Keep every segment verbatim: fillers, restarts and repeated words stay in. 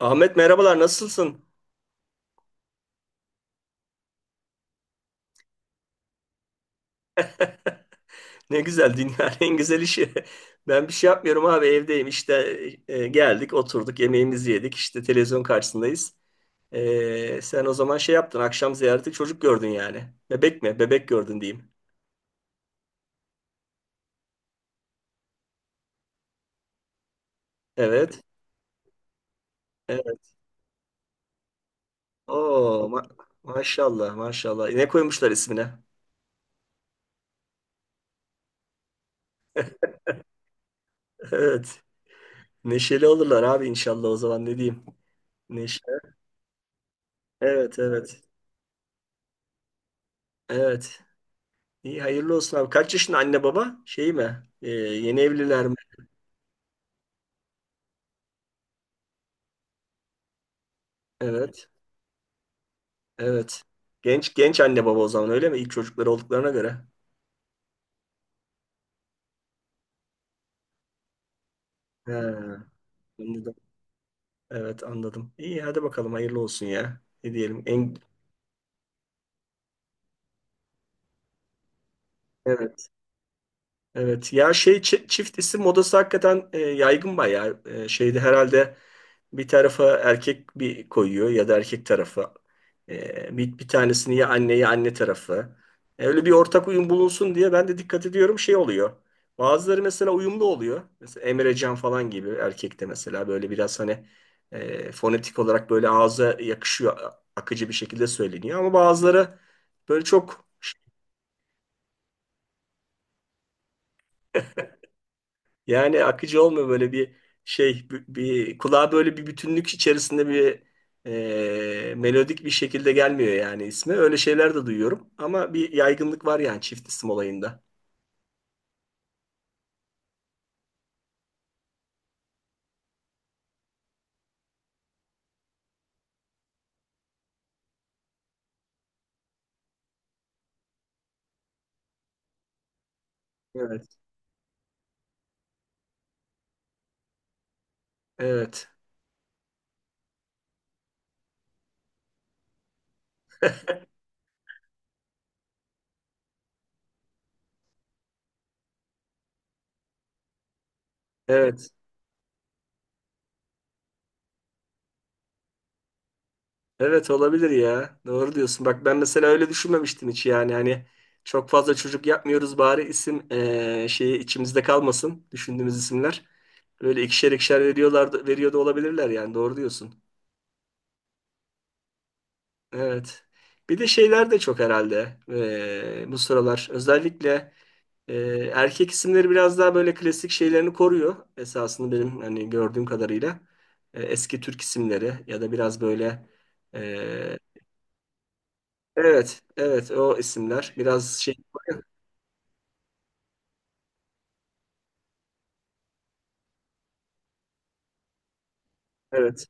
Ahmet merhabalar, nasılsın? Ne güzel, dünyanın en güzel işi. Ben bir şey yapmıyorum abi, evdeyim işte. E, geldik, oturduk, yemeğimizi yedik, işte televizyon karşısındayız. E, sen o zaman şey yaptın, akşam ziyareti, çocuk gördün yani. Bebek mi? Bebek gördün diyeyim. Evet. Evet. Oo ma- Maşallah maşallah. Ne koymuşlar ismine? Evet. Neşeli olurlar abi inşallah, o zaman ne diyeyim. Neşe. Evet, evet. Evet. İyi, hayırlı olsun abi. Kaç yaşında anne baba? Şey mi? E, yeni evliler mi? Evet. Evet. Genç genç anne baba o zaman, öyle mi? İlk çocukları olduklarına göre. He, anladım. Evet, anladım. İyi, hadi bakalım, hayırlı olsun ya. Ne diyelim? En, evet. Evet ya, şey çi- çift isim modası hakikaten e, yaygın bayağı. E, şeyde herhalde bir tarafa erkek bir koyuyor ya da erkek tarafı. E, bir, bir tanesini ya anne ya anne tarafı. E, öyle bir ortak uyum bulunsun diye ben de dikkat ediyorum, şey oluyor. Bazıları mesela uyumlu oluyor. Mesela Emrecan falan gibi, erkekte mesela böyle biraz hani e, fonetik olarak böyle ağza yakışıyor, a- akıcı bir şekilde söyleniyor. Ama bazıları böyle çok, yani akıcı olmuyor, böyle bir şey, bir, bir- kulağa böyle bir bütünlük içerisinde bir e, melodik bir şekilde gelmiyor yani ismi. Öyle şeyler de duyuyorum, ama bir yaygınlık var yani çift isim olayında. Evet. Evet. Evet. Evet, olabilir ya. Doğru diyorsun. Bak ben mesela öyle düşünmemiştim hiç, yani hani çok fazla çocuk yapmıyoruz, bari isim e, şeyi içimizde kalmasın, düşündüğümüz isimler. Böyle ikişer ikişer veriyorlardı, veriyor da olabilirler yani, doğru diyorsun. Evet. Bir de şeyler de çok herhalde eee, bu sıralar. Özellikle eee, erkek isimleri biraz daha böyle klasik şeylerini koruyor. Esasında benim hani gördüğüm kadarıyla Eee, eski Türk isimleri ya da biraz böyle eee, evet evet, o isimler biraz şey. Evet.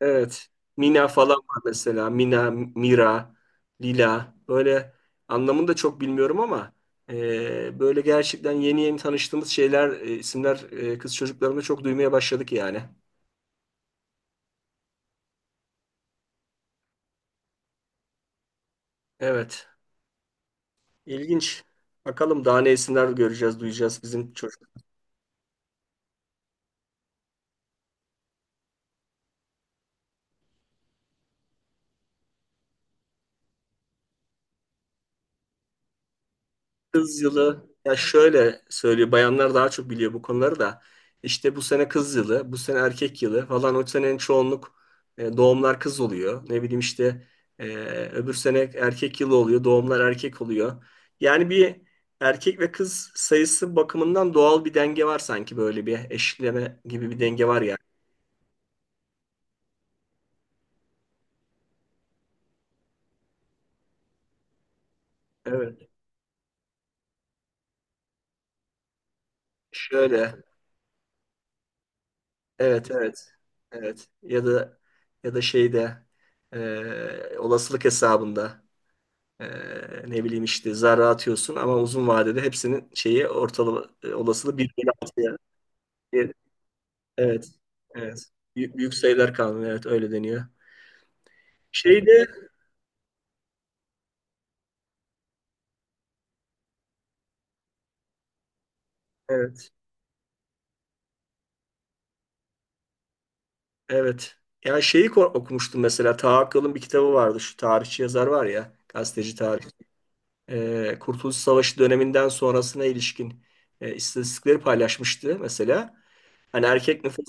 Evet. Mina falan var mesela. Mina, Mira, Lila. Böyle anlamını da çok bilmiyorum ama e, böyle gerçekten yeni yeni tanıştığımız şeyler, e, isimler, e, kız çocuklarında çok duymaya başladık yani. Evet. İlginç. Bakalım daha ne isimler göreceğiz, duyacağız bizim çocuk. Kız yılı ya, şöyle söylüyor bayanlar, daha çok biliyor bu konuları da, işte bu sene kız yılı, bu sene erkek yılı falan, o senenin çoğunluk e, doğumlar kız oluyor, ne bileyim işte, e, öbür sene erkek yılı oluyor, doğumlar erkek oluyor, yani bir erkek ve kız sayısı bakımından doğal bir denge var, sanki böyle bir eşitleme gibi bir denge var yani. Evet. Şöyle evet, evet, evet. Ya da ya da şeyde e, olasılık hesabında. Ee, Ne bileyim işte, zarra atıyorsun ama uzun vadede hepsinin şeyi ortalama e, olasılığı bir bölü altıya. Bir- Evet. Evet. Büyük, büyük sayılar kanunu, evet, öyle deniyor. Şeyde evet. Evet. Ya şeyi ko- okumuştum mesela, Taha Akkal'ın bir kitabı vardı, şu tarihçi yazar var ya, gazeteci, tarih. Ee, Kurtuluş Savaşı döneminden sonrasına ilişkin e, istatistikleri paylaşmıştı mesela. Hani erkek nüfus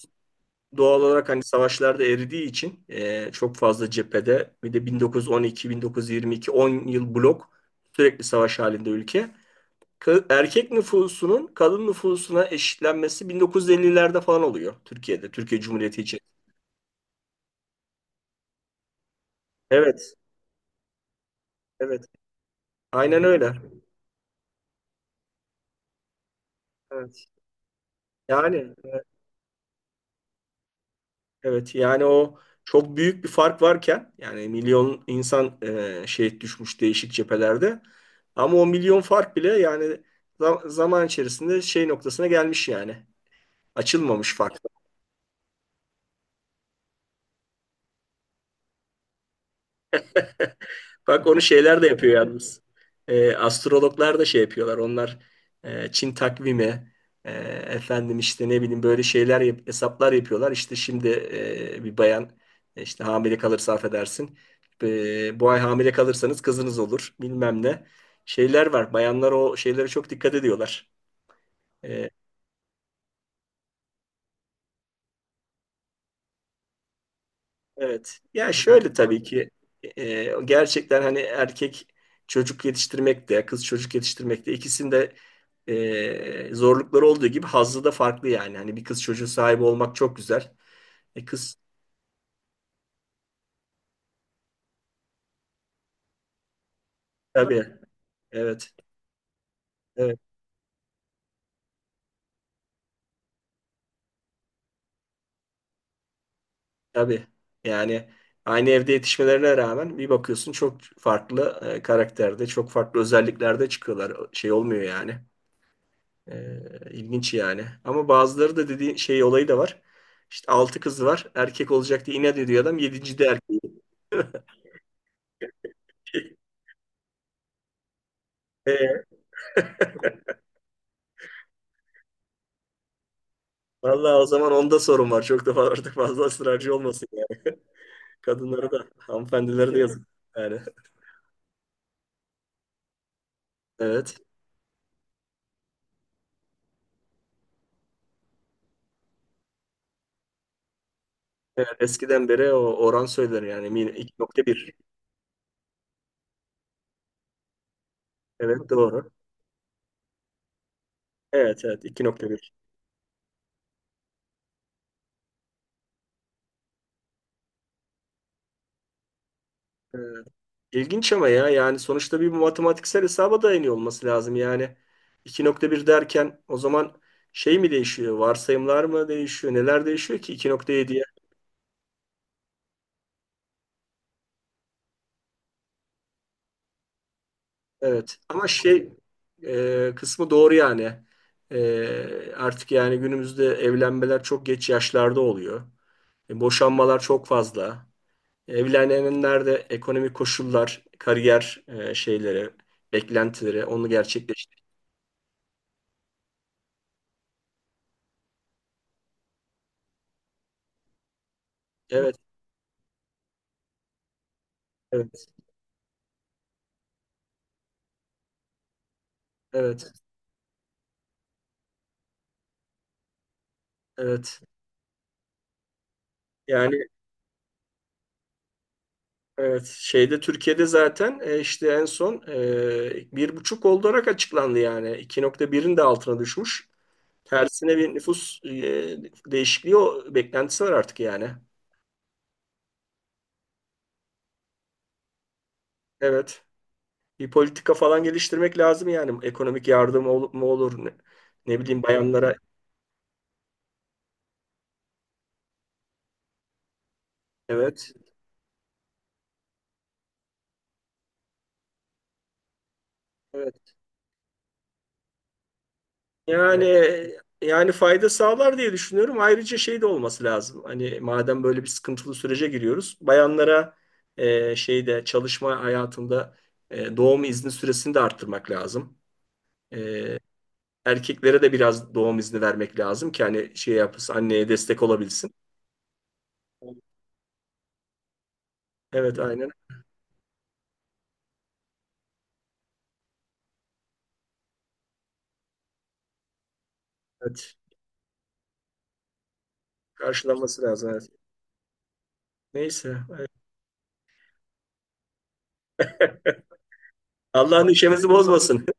doğal olarak hani savaşlarda eridiği için, e, çok fazla cephede, bir de bin dokuz yüz on iki, bin dokuz yüz yirmi iki, on yıl blok sürekli savaş halinde ülke. Ka- Erkek nüfusunun kadın nüfusuna eşitlenmesi bin dokuz yüz ellilerde falan oluyor Türkiye'de, Türkiye Cumhuriyeti için. Evet, evet. Aynen öyle. Evet. Yani evet, yani o çok büyük bir fark varken, yani milyon insan e, şehit düşmüş değişik cephelerde, ama o milyon fark bile yani za- zaman içerisinde şey noktasına gelmiş yani, açılmamış fark. Bak onu şeyler de yapıyor yalnız. Ee, astrologlar da şey yapıyorlar. Onlar e, Çin takvimi, e, efendim, işte ne bileyim, böyle şeyler yap- hesaplar yapıyorlar. İşte şimdi e, bir bayan e, işte hamile kalırsa affedersin. E, bu ay hamile kalırsanız kızınız olur, bilmem ne. Şeyler var. Bayanlar o şeylere çok dikkat ediyorlar. E, evet. Ya şöyle tabii ki e, gerçekten hani erkek çocuk yetiştirmek de, kız çocuk yetiştirmek de, ikisinde e, zorlukları olduğu gibi hazzı da farklı yani. Hani bir kız çocuğu sahibi olmak çok güzel. E kız, tabii, evet, evet, tabii yani, aynı evde yetişmelerine rağmen bir bakıyorsun çok farklı e, karakterde, çok farklı özelliklerde çıkıyorlar. Şey olmuyor yani. Ee, ilginç yani. Ama bazıları da dediği şey olayı da var. İşte altı kızı var. Erkek olacak diye inat ediyor adam. Yedinci de erkeği. E, vallahi o zaman onda sorun var. Çok da fa- artık fazla ısrarcı olmasın yani. Kadınları da, hanımefendileri de yazık. Yani evet. Evet, eskiden beri o oran söylenir yani, Min- iki nokta bir. Evet doğru. Evet evet, iki nokta bir. İlginç ama ya, yani sonuçta bir matematiksel hesaba dayanıyor olması lazım. Yani iki nokta bir derken o zaman şey mi değişiyor? Varsayımlar mı değişiyor? Neler değişiyor ki iki nokta yediye? Evet ama şey e, kısmı doğru yani. E, artık yani günümüzde evlenmeler çok geç yaşlarda oluyor. E, boşanmalar çok fazla. Evlenenler de ekonomik koşullar, kariyer e, şeyleri, beklentileri onu gerçekleştir. Evet, evet, evet, evet. Yani evet, şeyde Türkiye'de zaten e, işte en son e, bir buçuk olarak açıklandı yani. iki nokta birin de altına düşmüş. Tersine bir nüfus e, değişikliği, o beklentisi var artık yani. Evet. Bir politika falan geliştirmek lazım yani. Ekonomik yardım olup mu olur ne, ne bileyim, bayanlara. Evet. Evet. Yani, yani fayda sağlar diye düşünüyorum. Ayrıca şey de olması lazım. Hani madem böyle bir sıkıntılı sürece giriyoruz, bayanlara e, şeyde çalışma hayatında e, doğum izni süresini de arttırmak lazım. E, Erkeklere de biraz doğum izni vermek lazım ki hani şey yapsın, anneye destek olabilsin. Evet, aynen. Evet. Karşılanması lazım. Evet. Neyse. Evet. Allah'ın işimizi bozmasın.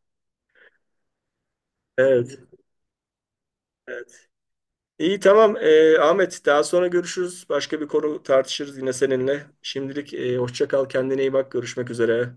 Evet. Evet. İyi, tamam. Ee, Ahmet, daha sonra görüşürüz. Başka bir konu tartışırız yine seninle. Şimdilik e, hoşça kal, kendine iyi bak, görüşmek üzere.